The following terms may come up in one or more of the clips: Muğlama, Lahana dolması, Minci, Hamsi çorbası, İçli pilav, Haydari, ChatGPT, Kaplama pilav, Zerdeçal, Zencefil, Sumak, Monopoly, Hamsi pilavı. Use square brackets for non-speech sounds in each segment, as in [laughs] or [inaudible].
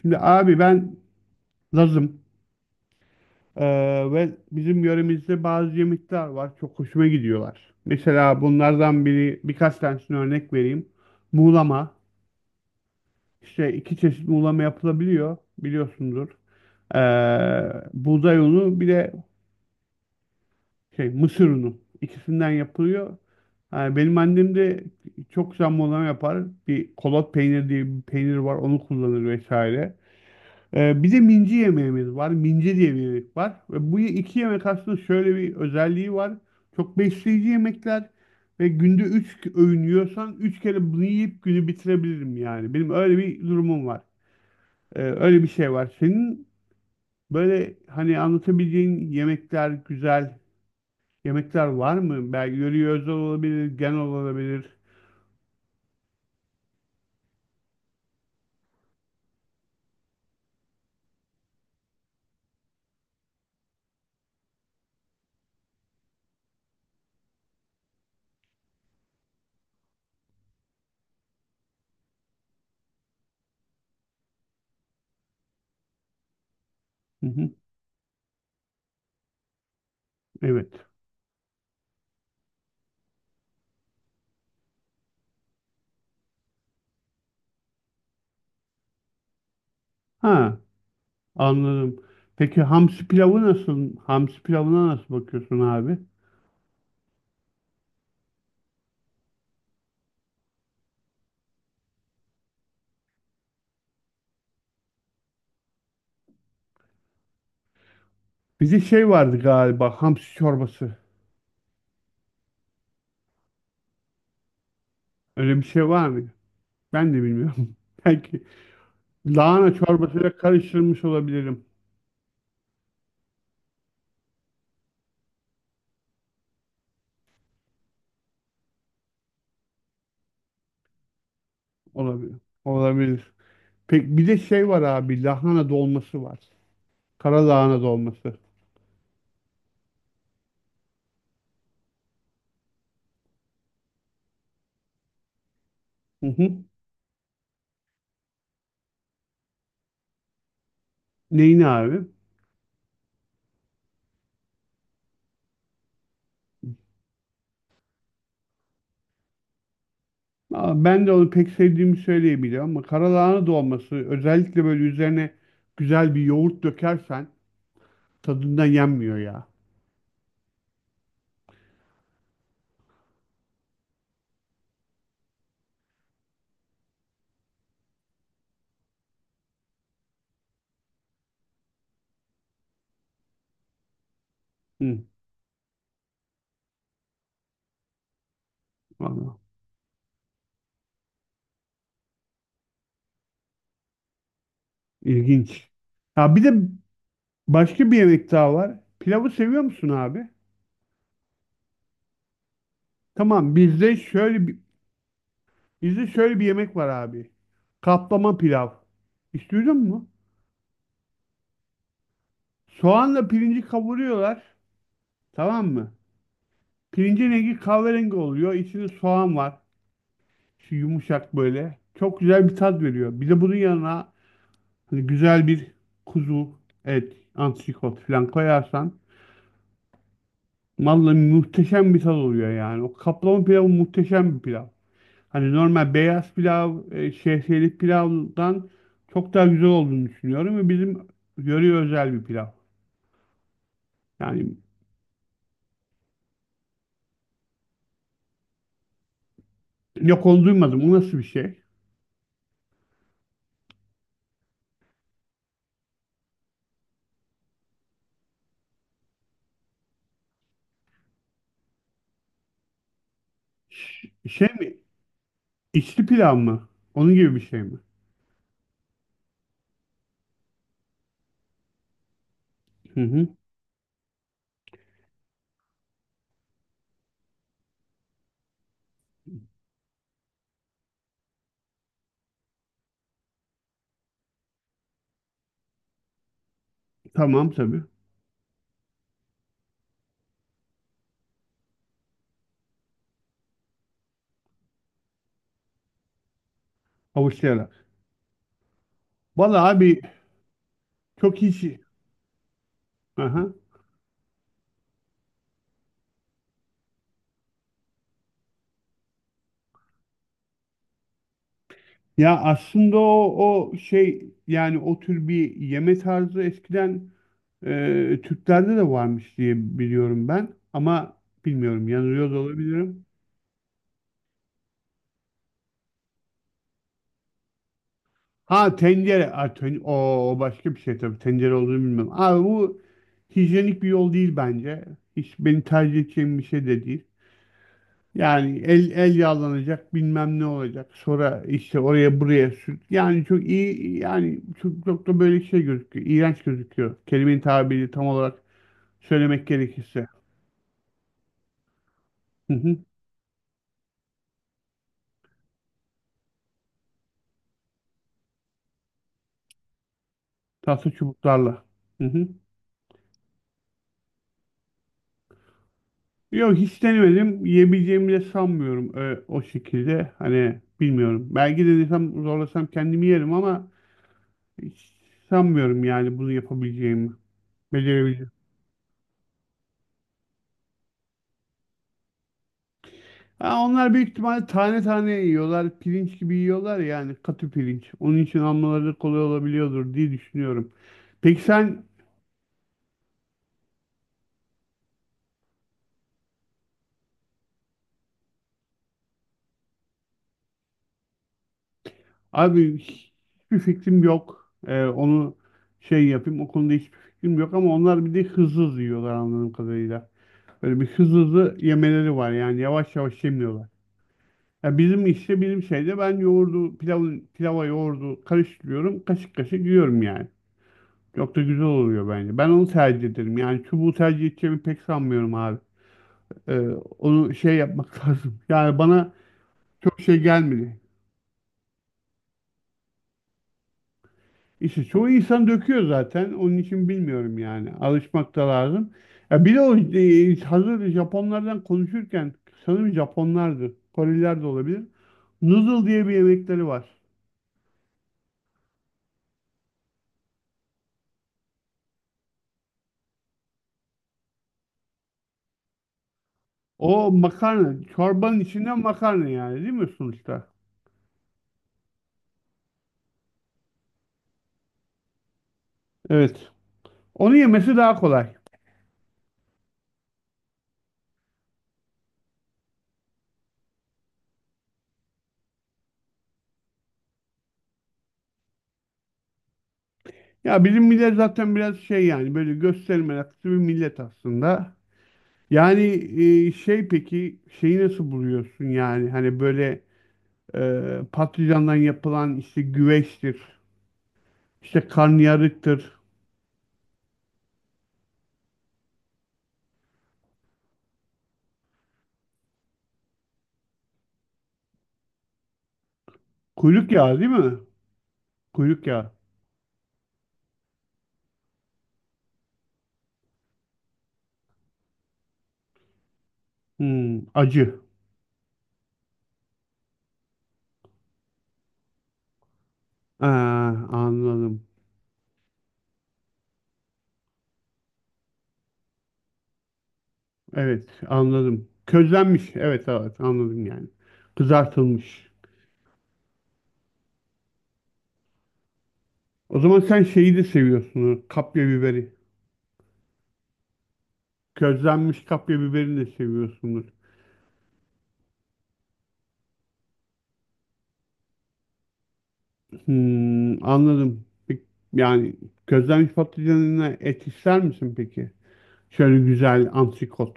Şimdi abi, ben Lazım. Ee, ve bizim yöremizde bazı yemekler var. Çok hoşuma gidiyorlar. Mesela bunlardan birkaç tanesini örnek vereyim. Muğlama. İşte iki çeşit muğlama yapılabiliyor. Biliyorsundur. Ee, Buğday unu, bir de şey mısır unu. İkisinden yapılıyor. Yani benim annem de çok güzel muğlama yapar. Bir kolot peyniri diye bir peynir var. Onu kullanır vesaire. Bir de minci yemeğimiz var. Minci diye bir yemek var. Ve bu iki yemek aslında şöyle bir özelliği var. Çok besleyici yemekler. Ve günde 3 öğün yiyorsan 3 kere bunu yiyip günü bitirebilirim yani. Benim öyle bir durumum var. Öyle bir şey var. Senin böyle hani anlatabileceğin yemekler, güzel yemekler var mı? Belki yöreye özel olabilir, genel olabilir. Hı hı, evet. Ha, anladım. Peki hamsi pilavı nasıl? Hamsi pilavına nasıl bakıyorsun abi? Bir de şey vardı galiba hamsi çorbası. Öyle bir şey var mı? Ben de bilmiyorum. [laughs] Belki lahana çorbasıyla karıştırmış olabilirim. Olabilir. Olabilir. Peki bir de şey var abi, lahana dolması var. Kara lahana dolması. Hı hı. Neyin abi? Aa, ben de onu pek sevdiğimi söyleyebilirim ama kara lahana dolması özellikle böyle üzerine güzel bir yoğurt dökersen tadından yenmiyor ya. Hı, vallahi. İlginç. Ya bir de başka bir yemek daha var. Pilavı seviyor musun abi? Tamam, bizde şöyle bir yemek var abi. Kaplama pilav. Hiç duydun mu? Soğanla pirinci kavuruyorlar. Tamam mı? Pirincin rengi kahverengi oluyor. İçinde soğan var. Şu yumuşak böyle. Çok güzel bir tat veriyor. Bir de bunun yanına hani güzel bir kuzu et, antrikot falan koyarsan vallahi muhteşem bir tat oluyor yani. O kaplama pilavı muhteşem bir pilav. Hani normal beyaz pilav, şehriyelik pilavdan çok daha güzel olduğunu düşünüyorum ve bizim yöreye özel bir pilav. Yani yok, onu duymadım. Bu nasıl bir şey? Şey mi? İçli pilav mı? Onun gibi bir şey mi? Hı hı. Tamam tabii. Havuçlayarak. Vallahi abi, çok iyi. Şey. Aha. Ya aslında o şey, yani o tür bir yeme tarzı eskiden Türklerde de varmış diye biliyorum ben. Ama bilmiyorum, yanılıyor da olabilirim. Ha, tencere. Ha, o başka bir şey tabii. Tencere olduğunu bilmiyorum. Abi bu hijyenik bir yol değil bence. Hiç beni tercih edeceğim bir şey de değil. Yani el el yağlanacak, bilmem ne olacak. Sonra işte oraya buraya sür. Yani çok iyi, yani çok, çok da böyle şey gözüküyor. İğrenç gözüküyor. Kelimenin tabiri tam olarak söylemek gerekirse. Hı hı. Tahta çubuklarla. Hı hı. Yok, hiç denemedim. Yiyebileceğimi de sanmıyorum o şekilde. Hani bilmiyorum. Belki de denesem, zorlasam kendimi yerim ama hiç sanmıyorum yani bunu yapabileceğimi. Becerebileceğim. Ha, onlar büyük ihtimalle tane tane yiyorlar. Pirinç gibi yiyorlar, yani katı pirinç. Onun için almaları kolay olabiliyordur diye düşünüyorum. Peki sen abi, hiçbir fikrim yok. Onu şey yapayım, o konuda hiçbir fikrim yok ama onlar bir de hızlı hızlı yiyorlar anladığım kadarıyla. Böyle bir hızlı hızlı yemeleri var, yani yavaş yavaş yemiyorlar. Ya bizim işte bizim şeyde, ben yoğurdu pilavı pilava yoğurdu karıştırıyorum, kaşık kaşık yiyorum yani. Çok da güzel oluyor bence. Ben onu tercih ederim. Yani çubuğu tercih edeceğimi pek sanmıyorum abi. Ee, Onu şey yapmak [laughs] lazım. Yani bana çok şey gelmedi. İşte çoğu insan döküyor zaten. Onun için bilmiyorum yani. Alışmak da lazım. Ya bir de o, hazır Japonlardan konuşurken, sanırım Japonlardı. Koreliler de olabilir. Noodle diye bir yemekleri var. O makarna. Çorbanın içinden makarna, yani değil mi sonuçta? Evet. Onu yemesi daha kolay. Ya bizim millet zaten biraz şey, yani böyle gösteri meraklısı bir millet aslında. Yani şey, peki şeyi nasıl buluyorsun, yani hani böyle patlıcandan yapılan işte güveçtir, işte karnıyarıktır. Kuyruk yağı değil mi? Kuyruk yağı. Hmm, acı. Aa, anladım. Evet, anladım. Közlenmiş. Evet, evet, anladım yani. Kızartılmış. O zaman sen şeyi de seviyorsunuz. Kapya biberi. Közlenmiş kapya biberini de seviyorsunuz. Hmm, anladım. Peki, yani közlenmiş patlıcanına et ister misin peki? Şöyle güzel antrikot.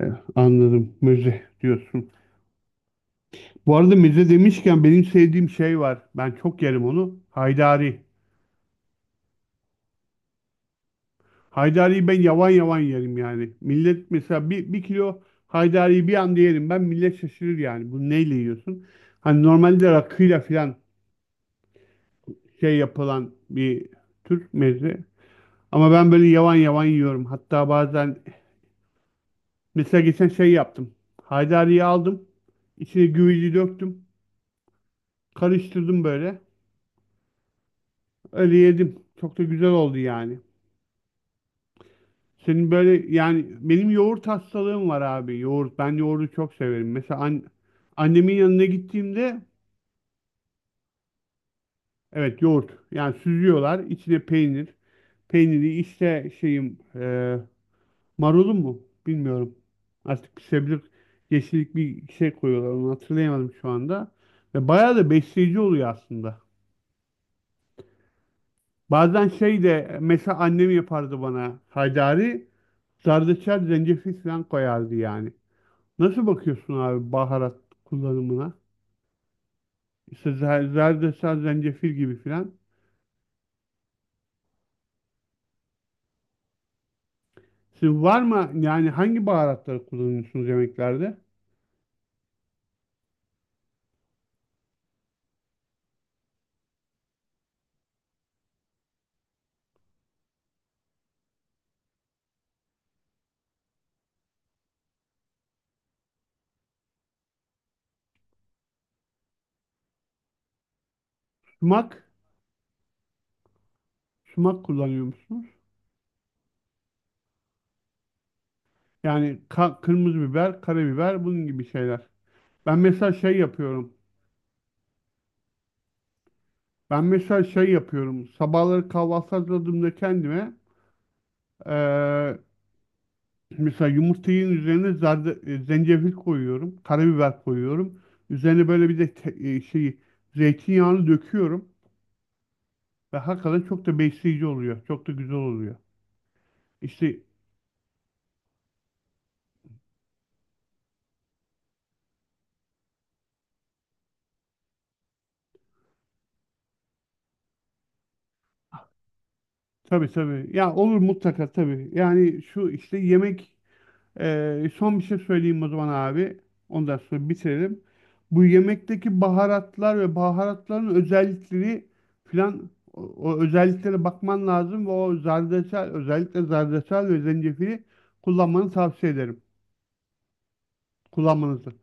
E, Anladım. Müze diyorsun. Bu arada müze demişken, benim sevdiğim şey var. Ben çok yerim onu. Haydari. Haydari'yi ben yavan yavan yerim yani. Millet mesela bir kilo haydariyi bir anda yerim. Ben, millet şaşırır yani. Bu neyle yiyorsun? Hani normalde rakıyla falan şey yapılan bir tür meze. Ama ben böyle yavan yavan yiyorum. Hatta bazen mesela geçen şey yaptım. Haydari'yi aldım. İçine güveci döktüm. Karıştırdım böyle. Öyle yedim. Çok da güzel oldu yani. Senin böyle, yani benim yoğurt hastalığım var abi. Yoğurt. Ben yoğurdu çok severim. Mesela annemin yanına gittiğimde, evet, yoğurt. Yani süzüyorlar. İçine peynir. Peyniri işte şeyim, marulum mu? Bilmiyorum. Artık bir sebze, yeşillik bir şey koyuyorlar. Onu hatırlayamadım şu anda. Ve bayağı da besleyici oluyor aslında. Bazen şey de mesela annem yapardı bana, haydari zerdeçal zencefil falan koyardı yani. Nasıl bakıyorsun abi baharat kullanımına? İşte zerdeçal zencefil gibi falan. Sizin var mı yani, hangi baharatları kullanıyorsunuz yemeklerde? Sumak, sumak kullanıyor musunuz? Yani kırmızı biber, karabiber, bunun gibi şeyler. Ben mesela şey yapıyorum. Ben mesela şey yapıyorum. Sabahları kahvaltı hazırladığımda kendime, eee, mesela yumurtanın üzerine zarda, zencefil koyuyorum, karabiber koyuyorum. Üzerine böyle bir de şey zeytinyağını döküyorum ve hakikaten çok da besleyici oluyor. Çok da güzel oluyor. İşte tabii tabii. Ya olur, mutlaka tabii. Yani şu işte yemek, son bir şey söyleyeyim o zaman abi. Ondan sonra bitirelim. Bu yemekteki baharatlar ve baharatların özellikleri filan, o özelliklere bakman lazım ve o zerdeçal özellikle zerdeçal ve zencefili kullanmanı tavsiye ederim. Kullanmanızı.